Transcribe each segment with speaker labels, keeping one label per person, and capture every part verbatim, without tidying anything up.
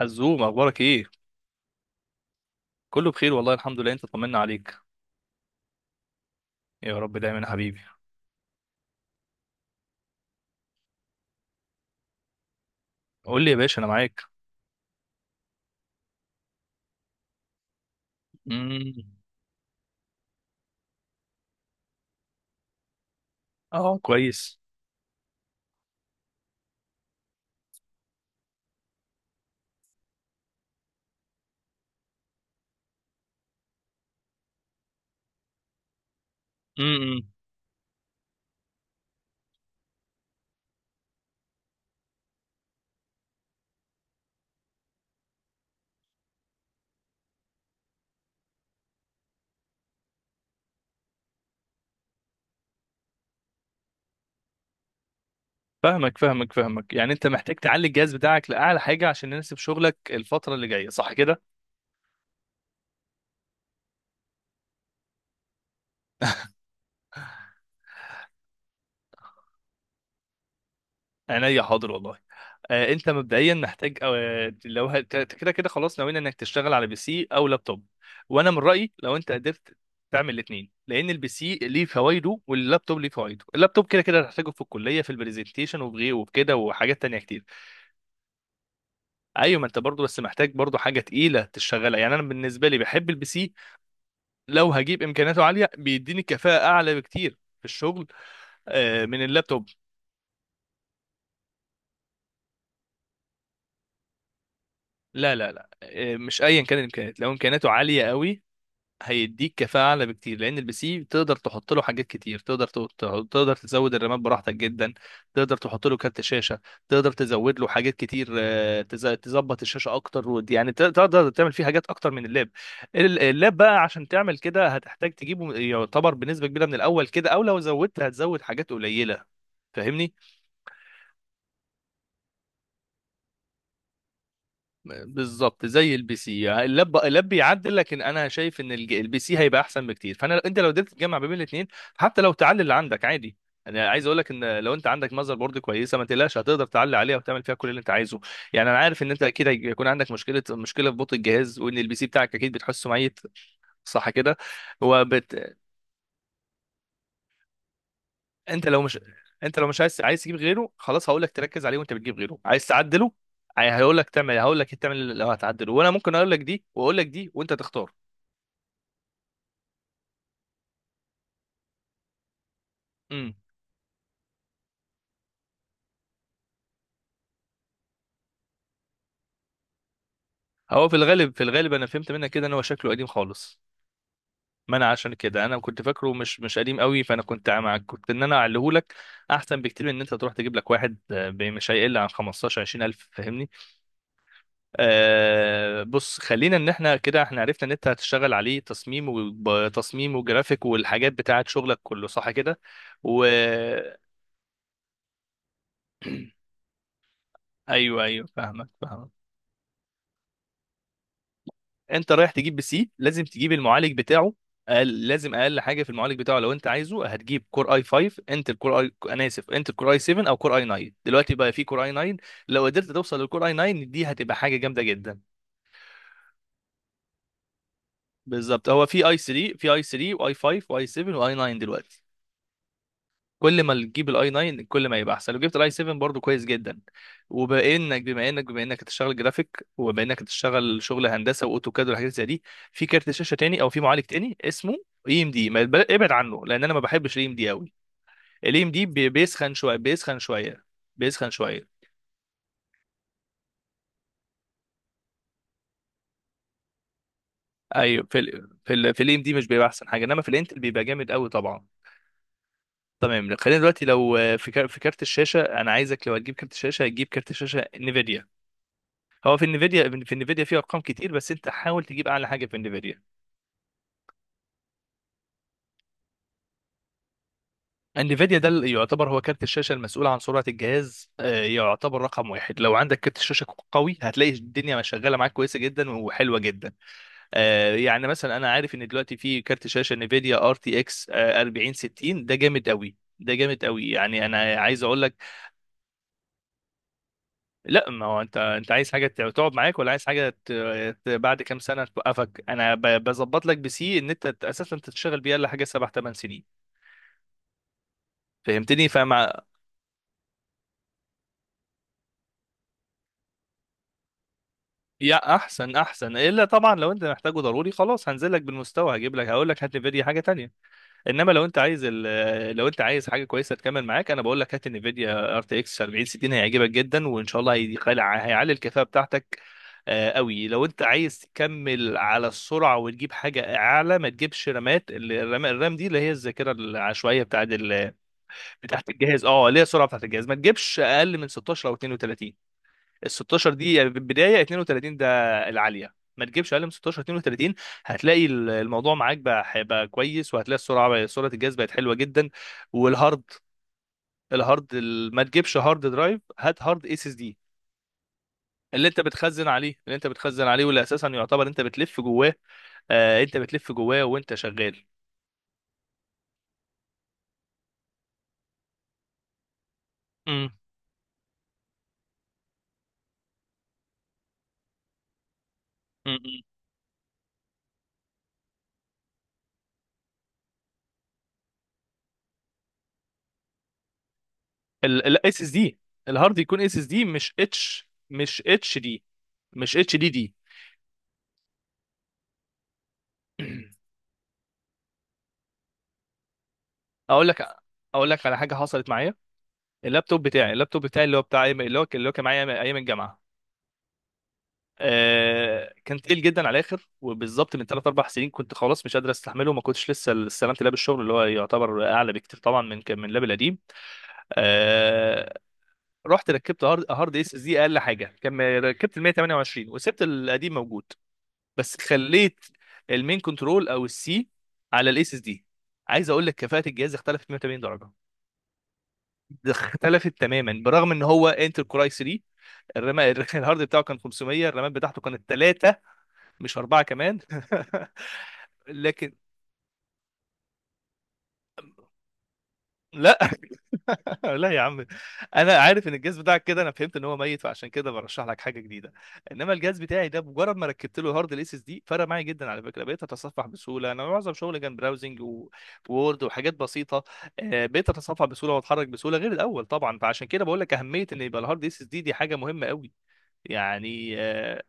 Speaker 1: عزوم، اخبارك ايه؟ كله بخير والله، الحمد لله. انت طمنا عليك. يا رب دايما يا حبيبي. قول لي يا باشا، انا معاك. امم. اه كويس. امم. فاهمك فاهمك فاهمك، يعني انت محتاج تعلي الجهاز بتاعك لاعلى حاجه عشان يناسب شغلك الفتره اللي جايه، صح كده؟ عينيا، حاضر والله. آه، انت مبدئيا محتاج، آه، لو هت- ت- كده كده خلاص، ناويين انك تشتغل على بي سي او لابتوب. وانا من رايي لو انت قدرت تعمل الاثنين، لان البي سي ليه فوائده واللابتوب ليه فوائده. اللابتوب كده كده هتحتاجه في الكليه، في البرزنتيشن وفي غيره وفي كده، وحاجات تانية كتير. ايوه، ما انت برضو بس محتاج برضو حاجه تقيله تشتغلها. يعني انا بالنسبه لي بحب البي سي، لو هجيب امكانياته عاليه بيديني كفاءه اعلى بكتير في الشغل آه، من اللابتوب. لا لا لا، آه، مش ايا كان الامكانيات. لو امكانياته عاليه قوي هيديك كفاءة أعلى بكتير، لأن البي سي تقدر تحط له حاجات كتير. تقدر ت- ت- تقدر تزود الرامات براحتك جدا، تقدر تحط له كارت شاشة، تقدر تزود له حاجات كتير. آه، تز- تظبط الشاشة أكتر، ود- يعني ت- تقدر تعمل فيه حاجات أكتر من اللاب. ال- اللاب بقى عشان تعمل كده هتحتاج تجيبه يعتبر بنسبة كبيرة من الأول كده، أو لو زودت هتزود حاجات قليلة. فاهمني؟ بالظبط زي البي سي. اللاب اللاب بيعدل، لكن انا شايف ان الج- البي سي هيبقى احسن بكتير. فانا انت لو قدرت تجمع ما بين الاثنين، حتى لو تعلي اللي عندك عادي. انا عايز اقول لك ان لو انت عندك ماذر بورد كويسه، ما تقلقش، هتقدر تعلي عليها وتعمل فيها كل اللي انت عايزه. يعني انا عارف ان انت اكيد هيكون عندك مشكله مشكله في بطء الجهاز، وان البي سي بتاعك اكيد بتحسه ميت، صح كده؟ وبت... انت لو مش انت لو مش عايز عايز تجيب غيره، خلاص هقول لك تركز عليه. وانت بتجيب غيره، عايز تعدله، هقول لك تعمل هقول لك تعمل لو هتعدله، وانا ممكن اقول لك دي واقول لك دي وانت تختار. امم. هو في الغالب، في الغالب انا فهمت منك كده ان هو شكله قديم خالص. ما انا عشان كده، انا كنت فاكره مش مش قديم قوي، فانا كنت معاك، كنت ان انا اعليه لك، احسن بكتير من ان انت تروح تجيب لك واحد، آه، ب- مش هيقل عن خمسة عشر 20 الف. فاهمني؟ آه بص، خلينا ان احنا كده احنا عرفنا ان انت هتشتغل عليه تصميم، وتصميم وجرافيك والحاجات بتاعه شغلك كله، صح كده؟ و ايوه ايوه، فاهمك فاهمك. انت رايح تجيب بي سي لازم تجيب المعالج بتاعه. أقل لازم اقل حاجه في المعالج بتاعه لو انت عايزه، هتجيب كور اي فايف. انتل كور اي انا اسف، انتل كور اي سبعة او كور اي تسعة. دلوقتي بقى في كور اي تسعة، لو قدرت توصل للكور اي ناين دي هتبقى حاجه جامده جدا. بالظبط، هو في اي تلاتة في اي ثري واي فايف واي سفن واي تسعة دلوقتي. كل ما تجيب الاي ناين كل ما يبقى احسن، لو جبت الاي سفن برضو كويس جدا. وبانك بما انك بما انك هتشتغل جرافيك، وبما انك هتشتغل شغل هندسه واوتوكاد والحاجات زي دي، في كارت شاشه تاني او في معالج تاني اسمه اي ام دي، ما يتبل- ابعد عنه لان انا ما بحبش الاي ام دي قوي. الاي ام دي بيسخن شويه، بيسخن شويه، بيسخن شويه. ايوه، في ال في ال في الاي ام دي مش بيبقى احسن حاجه، انما في الانتل بيبقى جامد قوي طبعا. تمام، خلينا دلوقتي. لو في كار- في كارت الشاشه، انا عايزك لو هتجيب كارت الشاشه هتجيب كارت شاشه نيفيديا. هو في انفيديا، في انفيديا فيه ارقام كتير، بس انت حاول تجيب اعلى حاجه في انفيديا. انفيديا ده اللي يعتبر هو كارت الشاشه المسؤول عن سرعه الجهاز، آه، يعتبر رقم واحد. لو عندك كارت الشاشه قوي هتلاقي الدنيا شغاله معاك كويسه جدا وحلوه جدا. آه، يعني مثلا انا عارف ان دلوقتي في كارت شاشه انفيديا ار تي اكس اربعين ستين، ده جامد قوي، ده جامد قوي، يعني انا عايز اقول لك. لا ما هو انت، انت عايز حاجه تقعد معاك، ولا عايز حاجه ت... ت- بعد كام سنه توقفك؟ انا ب... بظبط لك بسي ان انت اساسا تشتغل بيها لحاجه سبع ثمان سنين. فهمتني؟ فمع يا احسن احسن. الا طبعا لو انت محتاجه ضروري، خلاص هنزل لك بالمستوى، هجيب لك هقول لك هات نفيديا حاجه تانية. انما لو انت عايز ال... لو انت عايز حاجه كويسه تكمل معاك، انا بقول لك هات نفيديا ار تي اكس اربعين ستين، هيعجبك جدا، وان شاء الله هيقلع- هيعلي الكفاءه بتاعتك آه، قوي. لو انت عايز تكمل على السرعه وتجيب حاجه اعلى، ما تجيبش رامات. ال- الرام الرام دي اللي هي الذاكره العشوائيه بتاعت ال... بتاعت الجهاز، اه اللي هي السرعه بتاعت الجهاز، ما تجيبش اقل من ستاشر او اثنين وثلاثين. ال ستاشر دي يعني بدايه، اثنين وثلاثين ده العاليه. ما تجيبش اقل من ستاشر اثنين وثلاثين، هتلاقي ال- الموضوع معاك بقى هيبقى كويس، وهتلاقي السرعه بقى، سرعه الجهاز بقت حلوه جدا. والهارد، الهارد ال- ما تجيبش هارد درايف، هات هارد اس اس دي. اللي انت بتخزن عليه اللي انت بتخزن عليه، واللي اساسا يعتبر انت بتلف جواه. آه انت بتلف جواه وانت شغال. امم. الاس اس دي، الهارد يكون اس اس دي، مش اتش مش اتش دي، مش اتش دي دي. اقول لك اقول لك على حاجه حصلت معايا. اللابتوب بتاعي اللابتوب بتاعي اللي هو بتاع أيام- اللي هو اللي هو كان معايا ايام الجامعه. آه كان تقيل جدا على الاخر، وبالظبط من ثلاث اربع سنين كنت خلاص مش قادر استحمله، وما كنتش لسه استلمت لاب الشغل اللي هو يعتبر اعلى بكتير طبعا من من اللاب القديم. آه رحت ركبت هارد، هارد اس اس دي، اقل حاجه كان ركبت ال مية وتمانية وعشرين، وسبت القديم موجود، بس خليت المين كنترول او السي على الاس اس دي. عايز اقول لك كفاءه الجهاز اختلفت مية وتمانين درجة درجه، اختلفت تماما، برغم ان هو انتل كوراي تلاتة، الرام الهارد بتاعه كان خمسميه، الرامات بتاعته كانت تلاتة، مش اربعة كمان لكن لا، لا يا عم، انا عارف ان الجهاز بتاعك كده، انا فهمت ان هو ميت، فعشان كده برشح لك حاجه جديده. انما الجهاز بتاعي ده مجرد ما ركبت له هارد الاس اس دي فرق معايا جدا، على فكره بقيت اتصفح بسهوله، انا معظم شغلي كان براوزنج ووورد وحاجات بسيطه. آه، بقيت اتصفح بسهوله واتحرك بسهوله غير الاول طبعا. فعشان كده بقول لك اهميه ان يبقى الهارد اس اس دي دي حاجه مهمه قوي، يعني. آه،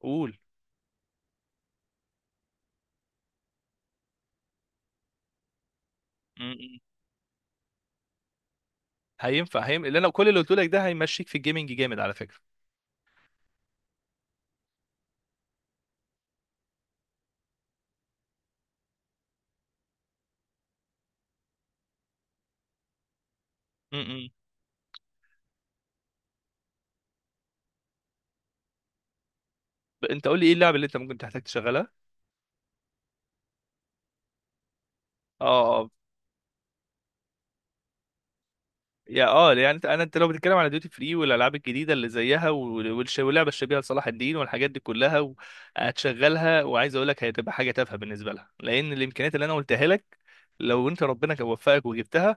Speaker 1: قول. هينفع، هيم اللي انا كل اللي قلته لك ده هيمشيك في الجيمنج جامد على فكره. امم. انت قول لي ايه اللعبه اللي انت ممكن تحتاج تشغلها؟ اه اه، يا اه يعني انت انا انت لو بتتكلم على ديوتي فري والالعاب الجديده اللي زيها وال- والش- واللعبه الشبيهه لصلاح الدين والحاجات دي كلها، و- هتشغلها، وعايز اقول لك هتبقى حاجه تافهه بالنسبه لها، لان الامكانيات اللي انا قلتها لك لو انت ربنا كان وفقك وجبتها،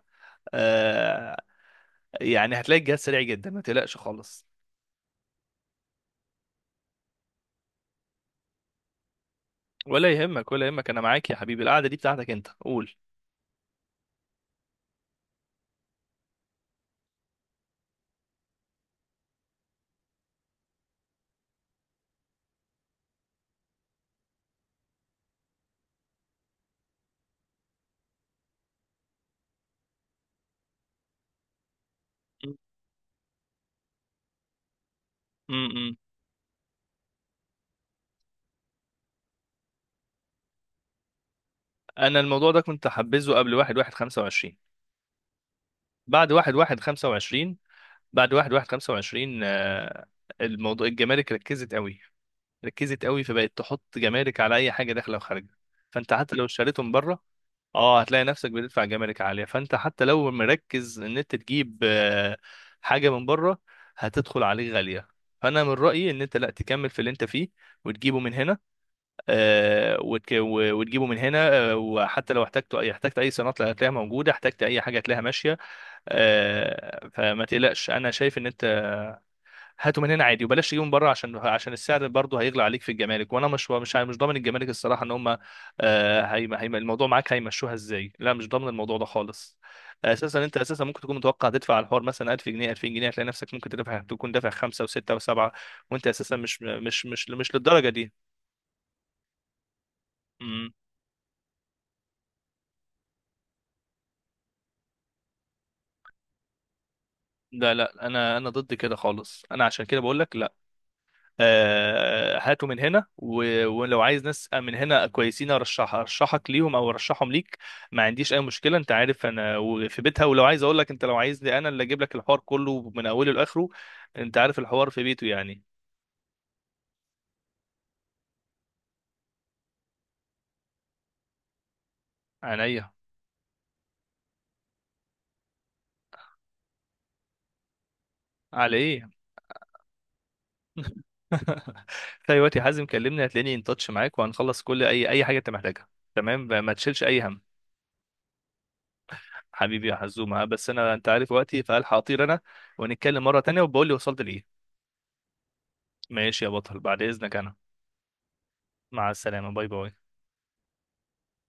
Speaker 1: آه يعني هتلاقي الجهاز سريع جدا، ما تقلقش خالص. ولا يهمك، ولا يهمك، انا معاك يا حبيبي، القعده دي بتاعتك انت، قول. امم. انا الموضوع ده كنت حبذه قبل واحد واحد خمسة وعشرين. بعد واحد واحد خمسة وعشرين بعد واحد واحد خمسة وعشرين، آه، الموضوع الجمارك ركزت قوي، ركزت قوي، فبقت تحط جمارك على اي حاجه داخله وخارجه. فانت حتى لو اشتريتهم بره، اه هتلاقي نفسك بتدفع جمارك عاليه. فانت حتى لو مركز ان انت تجيب آه، حاجه من بره، هتدخل عليك غاليه. فانا من رايي ان انت لا تكمل في اللي انت فيه وتجيبه من هنا. آه، وتك- و- وتجيبه من هنا آه، وحتى لو احتجت اي احتجت اي صيانات هتلاقيها موجوده، احتجت اي حاجه هتلاقيها ماشيه. آه، فما تقلقش، انا شايف ان انت هاته من هنا عادي، وبلاش تجيبه من بره، عشان عشان السعر برضه هيغلى عليك في الجمارك. وانا مش مش مش ضامن الجمارك الصراحه ان هم، آه، هيم- هيم- الموضوع معاك هيمشوها ازاي، لا مش ضامن الموضوع ده خالص. اساسا انت اساسا ممكن تكون متوقع تدفع على الحوار مثلا الف جنيه الفين جنيه، هتلاقي نفسك ممكن تدفع، تكون دافع خمسه وسته وسبعه، وانت اساسا مش مش مش مش للدرجه دي. لا لا، انا انا ضد كده خالص، انا عشان كده بقول لك لا. آه هاتوا من هنا، و- ولو عايز ناس من هنا كويسين ارشح، ارشحك ليهم، او ارشحهم ليك، ما عنديش اي مشكله. انت عارف انا، و- في بيتها، ولو عايز اقول لك انت لو عايزني انا اللي اجيب لك الحوار كله من اوله لاخره. انت عارف الحوار في بيته يعني. عينيا. على ايه؟ في اي وقت يا حازم كلمني، هتلاقيني ان تاتش معاك، وهنخلص كل اي اي حاجه انت محتاجها. تمام، ما تشيلش اي هم. حبيبي يا حزومة، آه، بس أنا أنت عارف وقتي، فألحق أطير أنا، ونتكلم مرة تانية وبقول لي وصلت لإيه. ماشي يا بطل، بعد إذنك أنا. مع السلامة، باي باي.